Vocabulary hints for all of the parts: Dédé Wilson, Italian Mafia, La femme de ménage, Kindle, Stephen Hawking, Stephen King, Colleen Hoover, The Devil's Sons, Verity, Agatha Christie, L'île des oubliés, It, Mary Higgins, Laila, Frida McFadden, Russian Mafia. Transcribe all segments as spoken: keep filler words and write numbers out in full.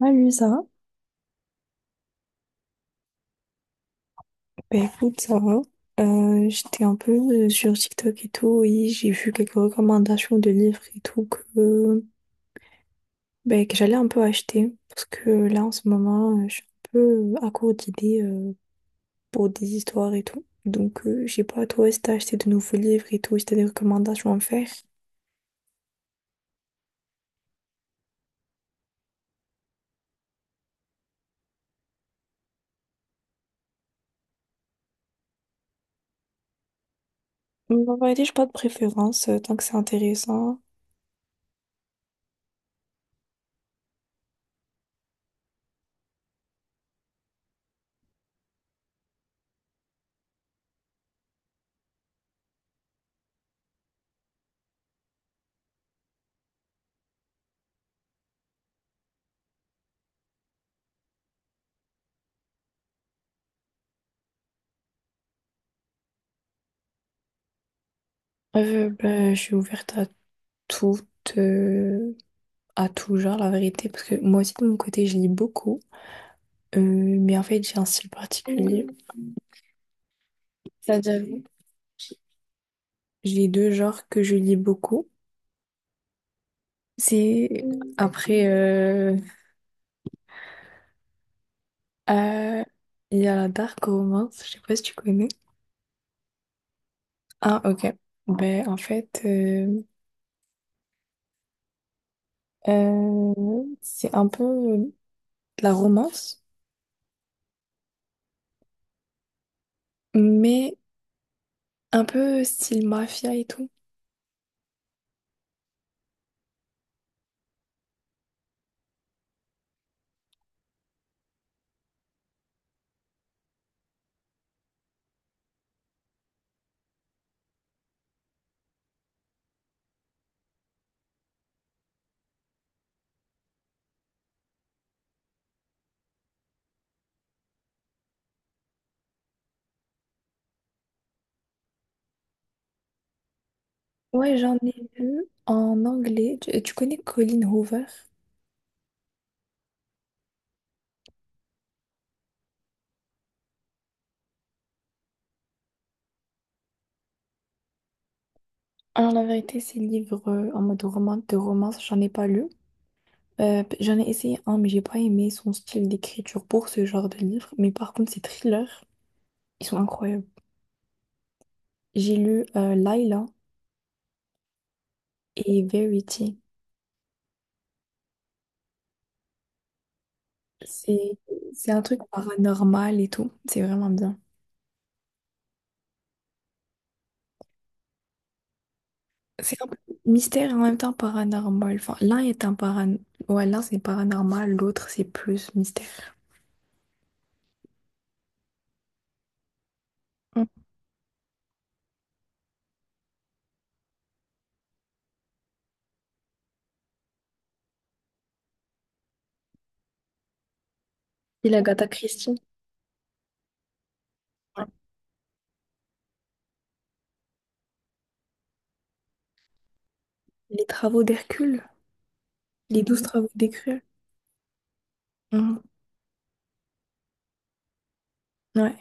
Salut Sarah. Bah écoute Sarah, euh, j'étais un peu euh, sur TikTok et tout et j'ai vu quelques recommandations de livres et tout que, bah, que j'allais un peu acheter parce que là en ce moment euh, je suis un peu euh, à court d'idées pour des histoires et tout. Donc, euh, je sais pas, toi, si t'as acheté de nouveaux livres et tout, si t'as des recommandations à me faire. En vérité, j'ai pas de préférence, euh, tant que c'est intéressant. Euh, ben, je suis ouverte à tout, euh, à tout genre, la vérité, parce que moi aussi, de mon côté, je lis beaucoup. Euh, mais en fait, j'ai un style particulier. C'est-à-dire, j'ai deux genres que je lis beaucoup. C'est après, euh, euh, il y a la dark romance, je sais pas si tu connais. Ah, ok. Ben, en fait, euh, euh, c'est un peu de la romance, mais un peu style mafia et tout. Ouais, j'en ai lu en anglais. Tu, tu connais Colleen Hoover? Alors, la vérité, ces livres euh, en mode romance, de romance, j'en ai pas lu. Euh, j'en ai essayé un, mais j'ai pas aimé son style d'écriture pour ce genre de livre. Mais par contre, ses thrillers, ils sont incroyables. J'ai lu euh, Laila et Verity. C'est, c'est un truc paranormal et tout. C'est vraiment bien. C'est un peu mystère et en même temps paranormal. Enfin, l'un est un paran... ouais, l'un c'est paranormal, l'autre c'est plus mystère. Mm. Et l'Agatha Christie, les travaux d'Hercule, les douze travaux d'Hercule. Mm. Ouais.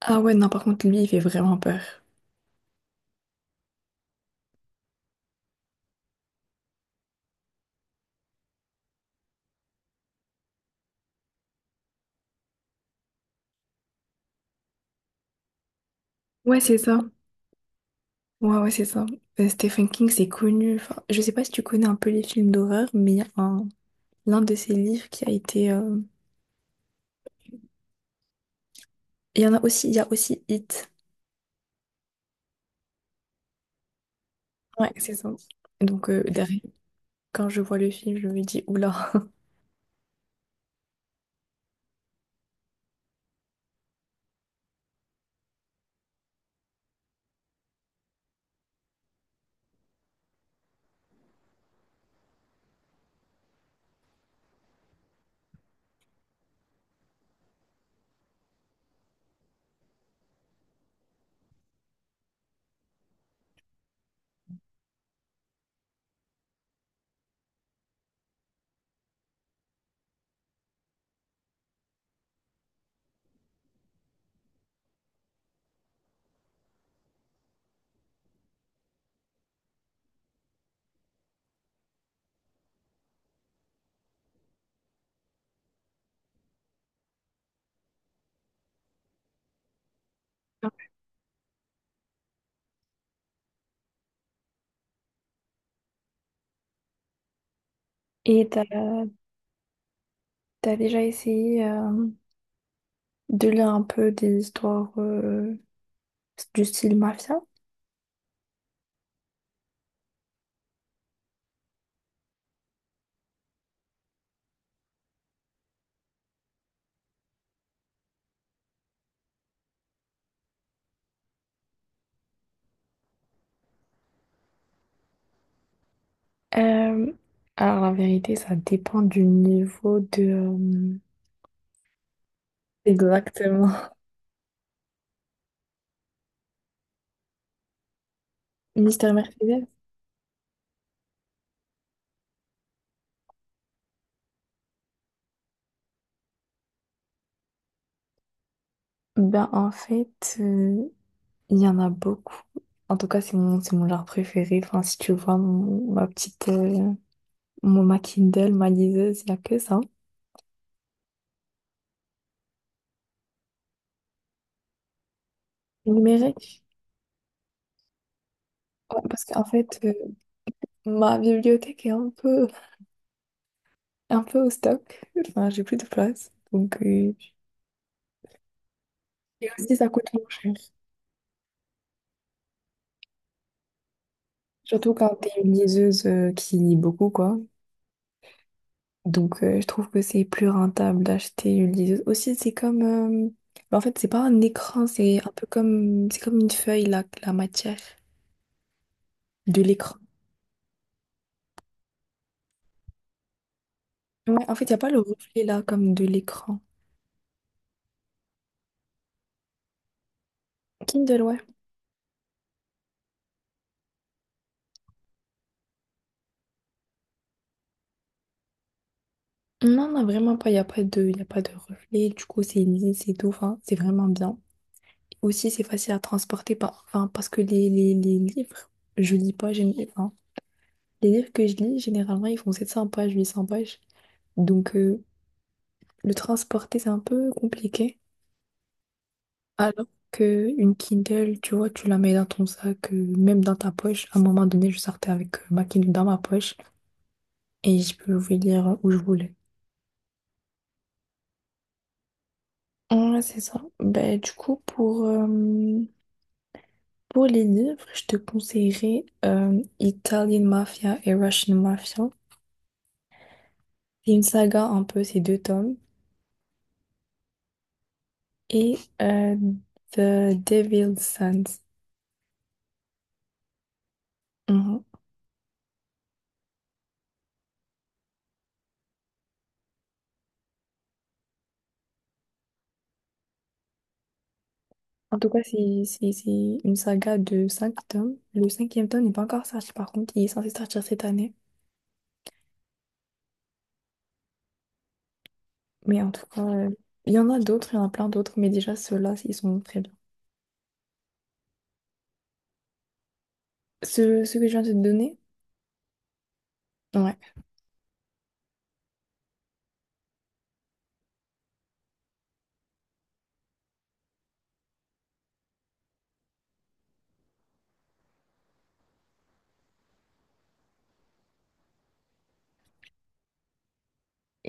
Ah ouais, non, par contre, lui, il fait vraiment peur. Ouais, c'est ça. Ouais, ouais, c'est ça. Euh, Stephen King, c'est connu. Enfin, je sais pas si tu connais un peu les films d'horreur, mais il y a un, l'un de ses livres qui a été. euh, Il y en a aussi, il y a aussi It. Ouais, c'est ça. Donc, euh, derrière, quand je vois le film, je me dis, oula. Et t'as, t'as déjà essayé euh, de lire un peu des histoires euh, du style mafia? Euh, alors, la vérité, ça dépend du niveau de. euh, Exactement. Mystère Mercedes? Ben, en fait. Il y en a beaucoup. En tout cas, c'est mon, c'est mon genre préféré. Enfin, si tu vois mon- ma petite, euh, mon, ma Kindle, ma liseuse, il n'y a que ça. Numérique. Ouais, parce qu'en fait, euh, ma bibliothèque est un peu, un peu au stock. Enfin, j'ai plus de place. Donc, euh, et aussi, ça coûte moins cher. Surtout quand t'es une liseuse euh, qui lit beaucoup, quoi. Donc, euh, je trouve que c'est plus rentable d'acheter une liseuse. Aussi, c'est comme. euh, En fait, c'est pas un écran, c'est un peu comme. C'est comme une feuille, la, la matière. De l'écran. Ouais, en fait, il n'y a pas le reflet là, comme de l'écran. Kindle, ouais. Non, non, vraiment pas. Il n'y a pas de, y a pas de reflet. Du coup, c'est lisse et tout. Enfin, c'est vraiment bien. Aussi, c'est facile à transporter. par- Enfin, parce que les, les, les livres, je lis pas. gén- Enfin, les livres que je lis, généralement, ils font sept cents pages, huit cents pages. Donc, euh, le transporter, c'est un peu compliqué. Alors que une Kindle, tu vois, tu la mets dans ton sac, euh, même dans ta poche. À un moment donné, je sortais avec euh, ma Kindle dans ma poche et je pouvais lire où je voulais. Ouais, c'est ça. Ben, du coup, pour, euh, pour les livres, je te conseillerais euh, Italian Mafia et Russian Mafia. C'est une saga un peu, ces deux tomes. Et euh, The Devil's Sons. Mhm. En tout cas, c'est c'est- c'est une saga de cinq tomes. Le cinquième tome n'est pas encore sorti, par contre, il est censé sortir cette année. Mais en tout cas, euh, il y en a d'autres, il y en a plein d'autres, mais déjà ceux-là, ils sont très bien. Ceux, ceux que je viens de te donner, ouais.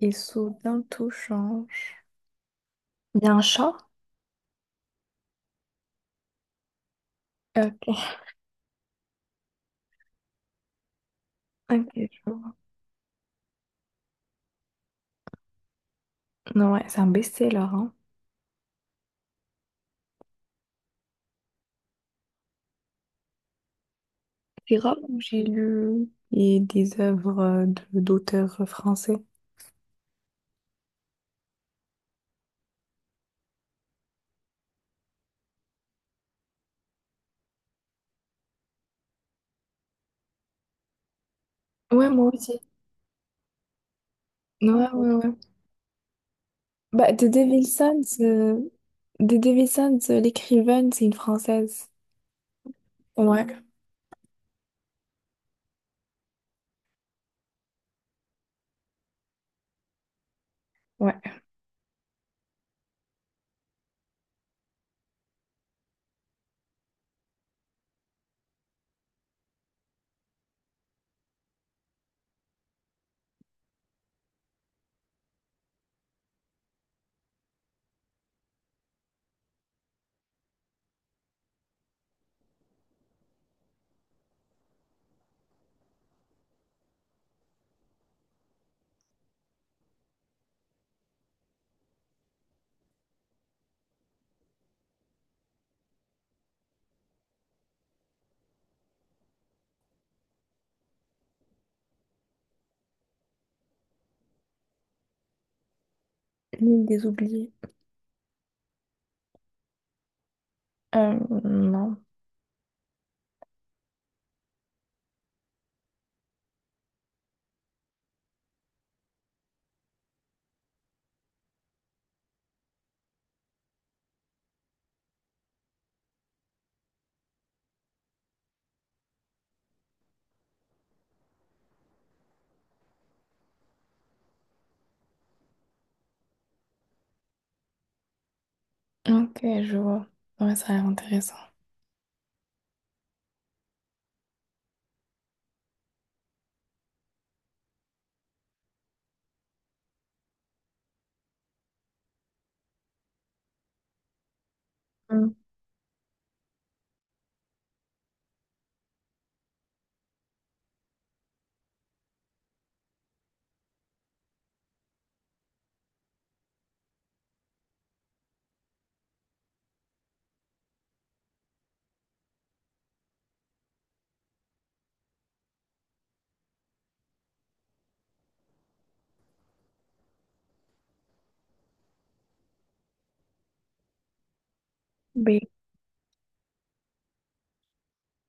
Ils sont bientôt change. Il y a un chat? Ok. Ok, je vois. Non, ouais, c'est un best-seller, hein. C'est rare où j'ai lu et des œuvres euh, de d'auteurs français. Ouais, moi aussi. Ouais, ouais, ouais. Bah, Dédé Wilson, euh, Dédé Wilson, euh, l'écrivaine, c'est une Française. Ouais, ouais. L'île des oubliés. Euh, non. Ok, je vois. Ouais, ça a l'air intéressant. Hmm. Mais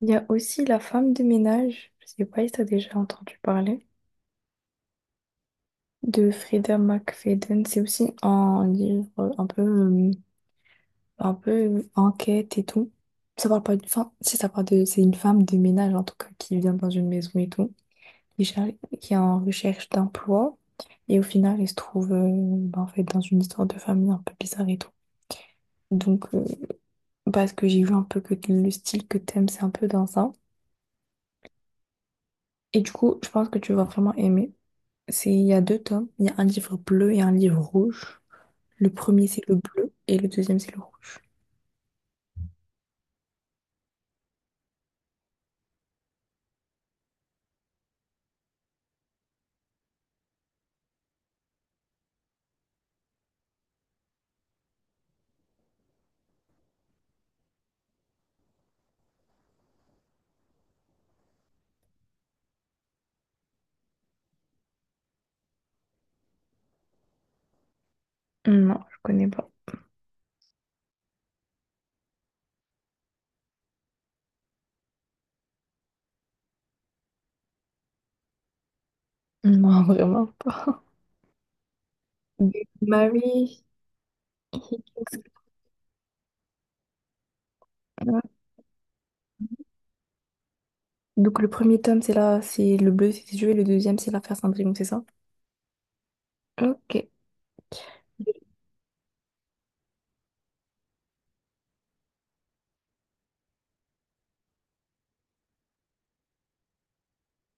il y a aussi La femme de ménage. Je sais pas si t'as déjà entendu parler. de Frida McFadden. C'est aussi un livre un peu, euh, un peu enquête et tout. Ça parle pas d'une femme, si ça parle de, c'est une femme de ménage en tout cas qui vient dans une maison et tout, qui, cher- qui est en recherche d'emploi et au final elle se trouve euh, bah, en fait dans une histoire de famille un peu bizarre et tout. Donc euh, parce que j'ai vu un peu que le style que t'aimes c'est un peu dans ça. Et du coup je pense que tu vas vraiment aimer. C'est il y a deux tomes, il y a un livre bleu et un livre rouge. Le premier, c'est le bleu et le deuxième, c'est le rouge. Non, je connais pas. Non, vraiment pas. De Mary Higgins. Donc, le premier tome, c'est là, c'est le bleu, c'est Dieu, et le deuxième, c'est l'affaire Cendrillon, c'est ça? Ok,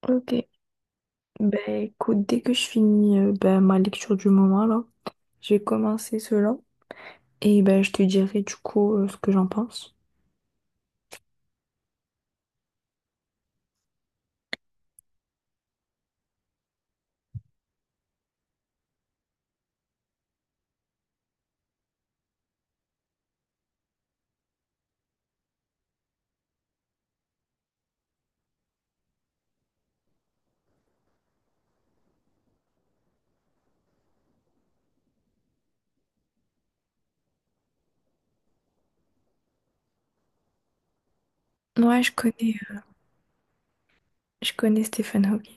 ok. Ben, écoute, dès que je finis euh, ben, ma lecture du moment, là, je vais commencer cela. Et ben, je te dirai du coup euh, ce que j'en pense. Ouais, je connais, euh, je connais Stephen Hawking.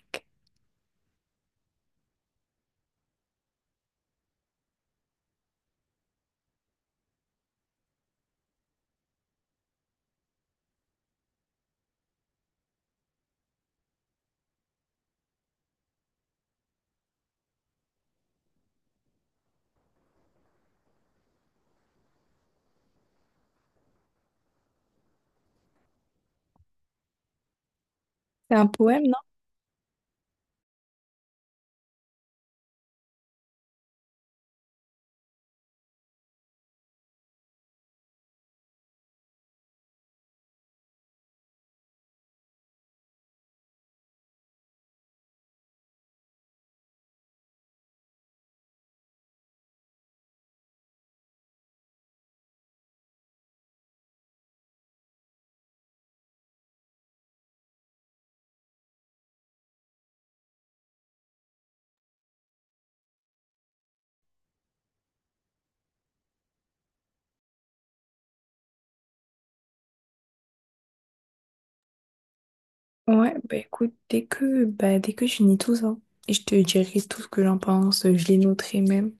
C'est un poème. Ouais, bah écoute, dès que, bah, dès que je finis tout ça, et je te dirai tout ce que j'en pense, euh, je les noterai même.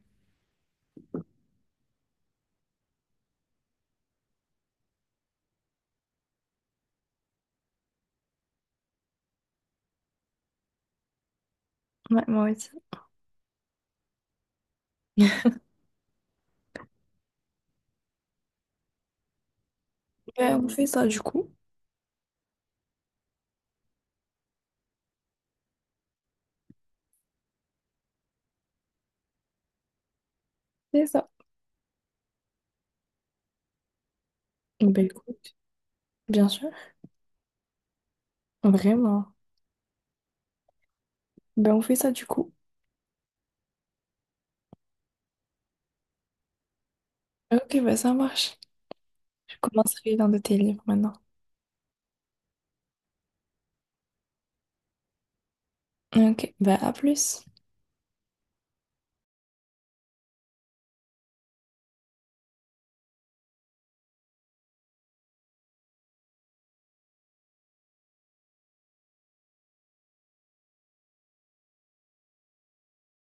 Ouais, moi aussi. Bah, on fait ça du coup. C'est ça. Bah écoute, bien sûr, vraiment. Bah on fait ça du coup. Ok, bah ça marche. Je commencerai dans de tes livres maintenant. Ok, bah à plus.